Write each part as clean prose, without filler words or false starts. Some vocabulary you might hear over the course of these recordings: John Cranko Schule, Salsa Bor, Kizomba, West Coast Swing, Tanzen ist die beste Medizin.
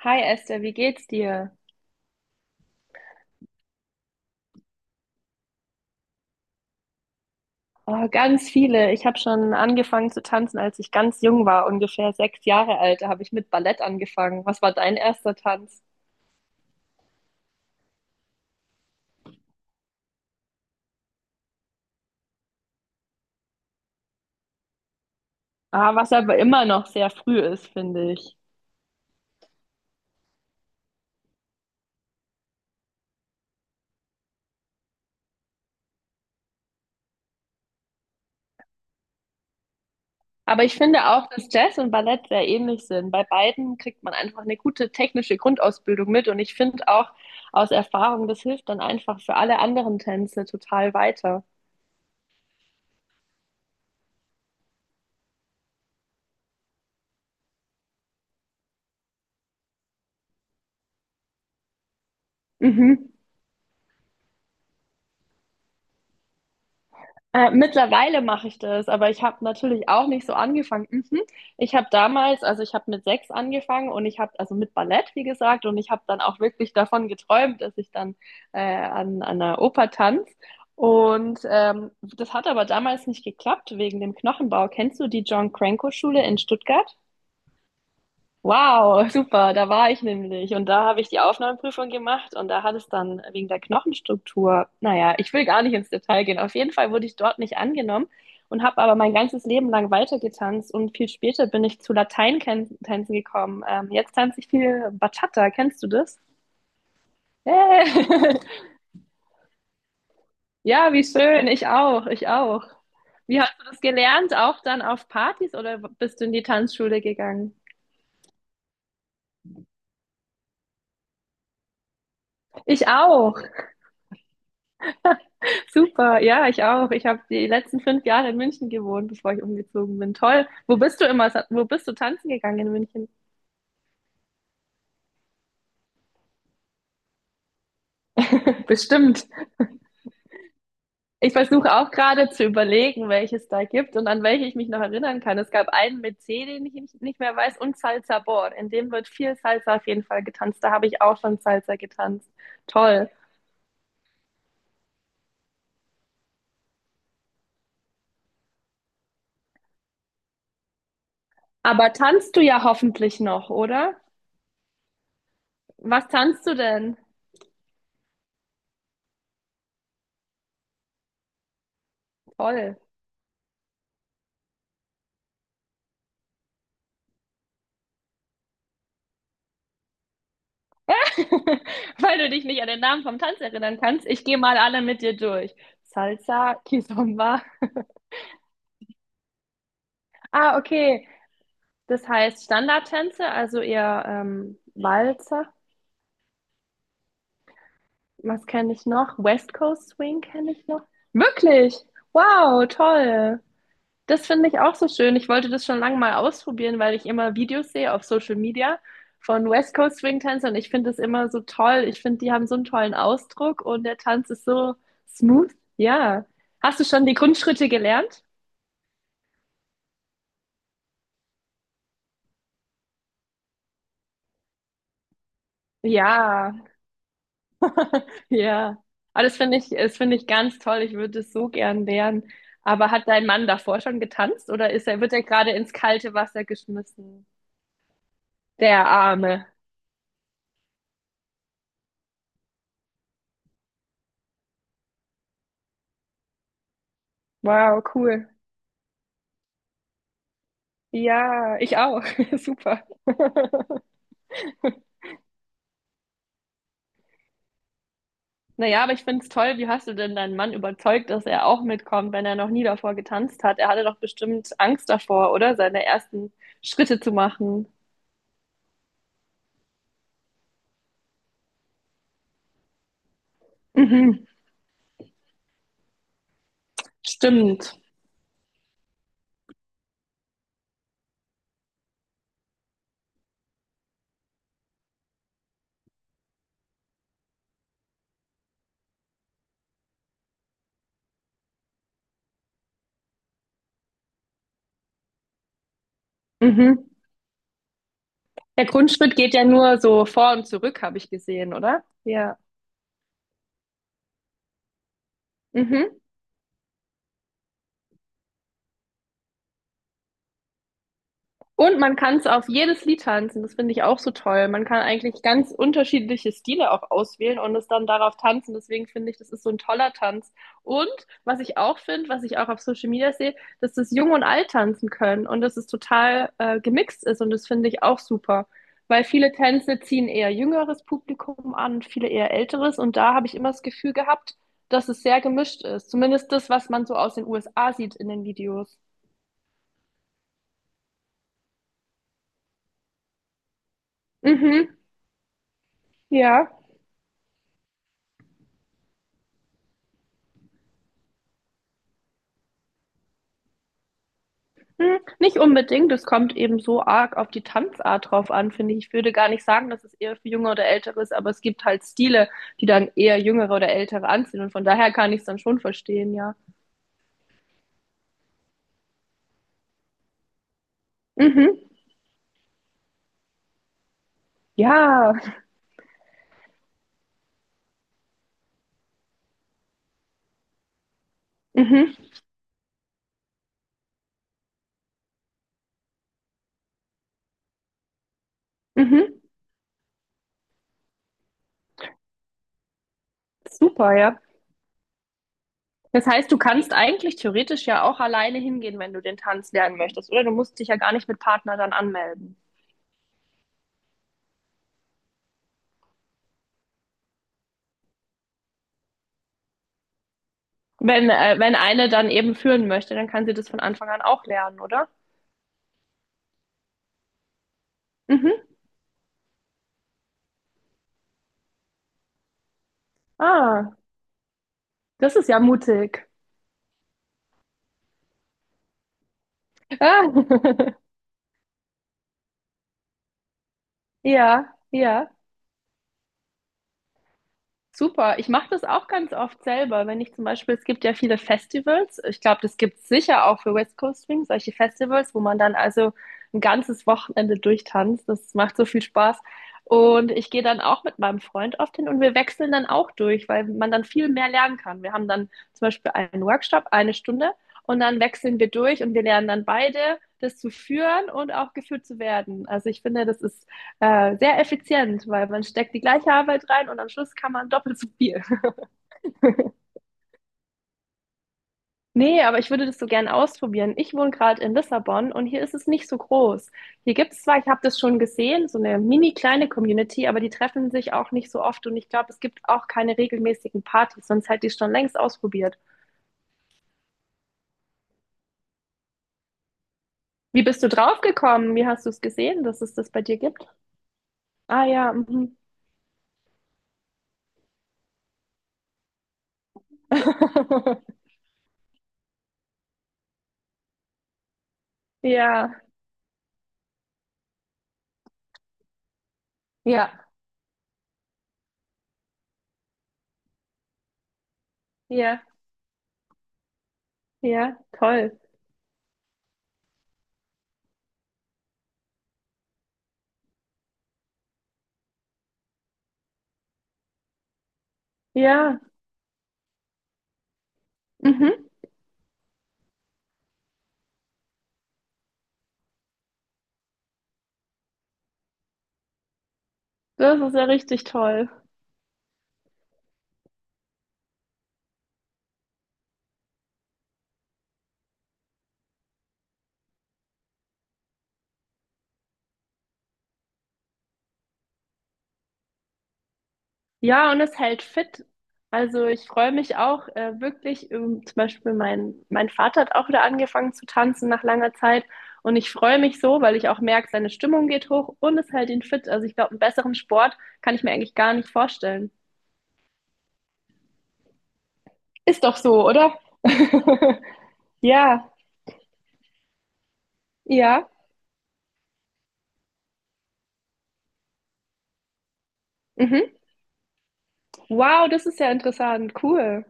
Hi Esther, wie geht's dir? Oh, ganz viele. Ich habe schon angefangen zu tanzen, als ich ganz jung war, ungefähr 6 Jahre alt. Da habe ich mit Ballett angefangen. Was war dein erster Tanz? Ah, was aber immer noch sehr früh ist, finde ich. Aber ich finde auch, dass Jazz und Ballett sehr ähnlich sind. Bei beiden kriegt man einfach eine gute technische Grundausbildung mit. Und ich finde auch aus Erfahrung, das hilft dann einfach für alle anderen Tänze total weiter. Mhm. Mittlerweile mache ich das, aber ich habe natürlich auch nicht so angefangen. Mhm. Ich habe damals, also ich habe mit 6 angefangen und ich habe, also mit Ballett, wie gesagt, und ich habe dann auch wirklich davon geträumt, dass ich dann an einer Oper tanze. Und das hat aber damals nicht geklappt wegen dem Knochenbau. Kennst du die John Cranko Schule in Stuttgart? Wow, super, da war ich nämlich und da habe ich die Aufnahmeprüfung gemacht und da hat es dann wegen der Knochenstruktur, naja, ich will gar nicht ins Detail gehen. Auf jeden Fall wurde ich dort nicht angenommen und habe aber mein ganzes Leben lang weitergetanzt und viel später bin ich zu Lateintänzen gekommen. Jetzt tanze ich viel Bachata, kennst du das? Hey. Ja, wie schön, ich auch, ich auch. Wie hast du das gelernt? Auch dann auf Partys oder bist du in die Tanzschule gegangen? Ich auch. Super, ja, ich auch. Ich habe die letzten 5 Jahre in München gewohnt, bevor ich umgezogen bin. Toll. Wo bist du immer? Wo bist du tanzen gegangen in München? Bestimmt. Ich versuche auch gerade zu überlegen, welche es da gibt und an welche ich mich noch erinnern kann. Es gab einen mit C, den ich nicht mehr weiß, und Salsa Bor. In dem wird viel Salsa auf jeden Fall getanzt. Da habe ich auch schon Salsa getanzt. Toll. Aber tanzt du ja hoffentlich noch, oder? Was tanzt du denn? Toll. Weil du dich nicht an den Namen vom Tanz erinnern kannst. Ich gehe mal alle mit dir durch. Salsa, Kizomba. Ah, okay. Das heißt Standardtänze, also eher Walzer. Was kenne ich noch? West Coast Swing kenne ich noch. Wirklich? Wow, toll. Das finde ich auch so schön. Ich wollte das schon lange mal ausprobieren, weil ich immer Videos sehe auf Social Media von West Coast Swing-Tänzern. Ich finde das immer so toll. Ich finde, die haben so einen tollen Ausdruck und der Tanz ist so smooth. Ja. Hast du schon die Grundschritte gelernt? Ja, ja. Aber das finde ich ganz toll. Ich würde es so gern lernen. Aber hat dein Mann davor schon getanzt oder ist er, wird er gerade ins kalte Wasser geschmissen? Der Arme. Wow, cool. Ja, ich auch. Super. Naja, aber ich finde es toll, wie hast du denn deinen Mann überzeugt, dass er auch mitkommt, wenn er noch nie davor getanzt hat? Er hatte doch bestimmt Angst davor, oder? Seine ersten Schritte zu machen. Mhm. Stimmt. Mhm. Der Grundschritt geht ja nur so vor und zurück, habe ich gesehen, oder? Ja. Mhm. Und man kann es auf jedes Lied tanzen, das finde ich auch so toll. Man kann eigentlich ganz unterschiedliche Stile auch auswählen und es dann darauf tanzen. Deswegen finde ich, das ist so ein toller Tanz. Und was ich auch finde, was ich auch auf Social Media sehe, dass das Jung und Alt tanzen können und dass es total gemixt ist und das finde ich auch super. Weil viele Tänze ziehen eher jüngeres Publikum an, viele eher älteres und da habe ich immer das Gefühl gehabt, dass es sehr gemischt ist. Zumindest das, was man so aus den USA sieht in den Videos. Mhm, ja. Hm, nicht unbedingt, es kommt eben so arg auf die Tanzart drauf an, finde ich. Ich würde gar nicht sagen, dass es eher für Junge oder Ältere ist, aber es gibt halt Stile, die dann eher Jüngere oder Ältere anziehen und von daher kann ich es dann schon verstehen, ja. Mhm, ja, mhm, mhm, super, ja. Das heißt, du kannst eigentlich theoretisch ja auch alleine hingehen, wenn du den Tanz lernen möchtest, oder? Du musst dich ja gar nicht mit Partner dann anmelden. Wenn, wenn eine dann eben führen möchte, dann kann sie das von Anfang an auch lernen, oder? Mhm. Ah, das ist ja mutig. Ah, ja, ja. Super. Ich mache das auch ganz oft selber. Wenn ich zum Beispiel, es gibt ja viele Festivals. Ich glaube, das gibt es sicher auch für West Coast Swing, solche Festivals, wo man dann also ein ganzes Wochenende durchtanzt. Das macht so viel Spaß. Und ich gehe dann auch mit meinem Freund oft hin und wir wechseln dann auch durch, weil man dann viel mehr lernen kann. Wir haben dann zum Beispiel einen Workshop, eine Stunde, und dann wechseln wir durch und wir lernen dann beide, das zu führen und auch geführt zu werden. Also ich finde, das ist sehr effizient, weil man steckt die gleiche Arbeit rein und am Schluss kann man doppelt so viel. Nee, aber ich würde das so gern ausprobieren. Ich wohne gerade in Lissabon und hier ist es nicht so groß. Hier gibt es zwar, ich habe das schon gesehen, so eine mini kleine Community, aber die treffen sich auch nicht so oft und ich glaube, es gibt auch keine regelmäßigen Partys, sonst hätte ich es schon längst ausprobiert. Wie bist du drauf gekommen? Wie hast du es gesehen, dass es das bei dir gibt? Ah ja, mhm. Ja, ja, ja, ja, toll. Ja, mhm. Das ist ja richtig toll. Ja, und es hält fit. Also ich freue mich auch wirklich, zum Beispiel mein Vater hat auch wieder angefangen zu tanzen nach langer Zeit. Und ich freue mich so, weil ich auch merke, seine Stimmung geht hoch und es hält ihn fit. Also ich glaube, einen besseren Sport kann ich mir eigentlich gar nicht vorstellen. Ist doch so, oder? Ja, ja. Mhm. Wow, das ist ja interessant. Cool.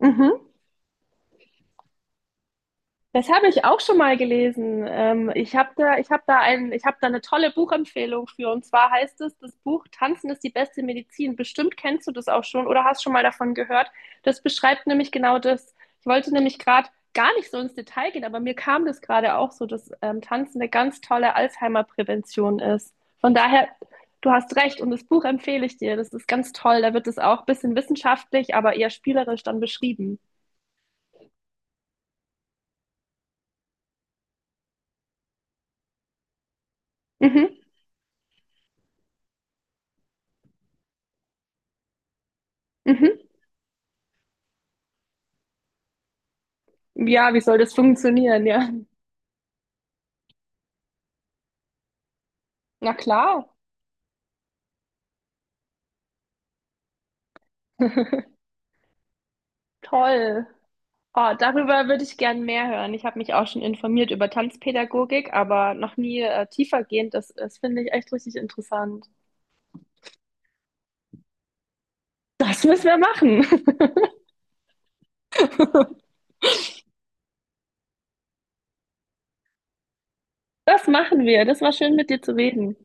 Mhm. Das habe ich auch schon mal gelesen. Ich habe da eine tolle Buchempfehlung für. Und zwar heißt es, das Buch Tanzen ist die beste Medizin. Bestimmt kennst du das auch schon oder hast schon mal davon gehört. Das beschreibt nämlich genau das. Ich wollte nämlich gerade gar nicht so ins Detail gehen, aber mir kam das gerade auch so, dass Tanzen eine ganz tolle Alzheimer-Prävention ist. Von daher, du hast recht und das Buch empfehle ich dir. Das ist ganz toll. Da wird es auch ein bisschen wissenschaftlich, aber eher spielerisch dann beschrieben. Mhm, mhm. Ja, wie soll das funktionieren? Ja. Na klar. Toll. Oh, darüber würde ich gern mehr hören. Ich habe mich auch schon informiert über Tanzpädagogik, aber noch nie tiefergehend. Das, das finde ich echt richtig interessant. Das müssen wir machen. Das machen wir. Das war schön, mit dir zu reden.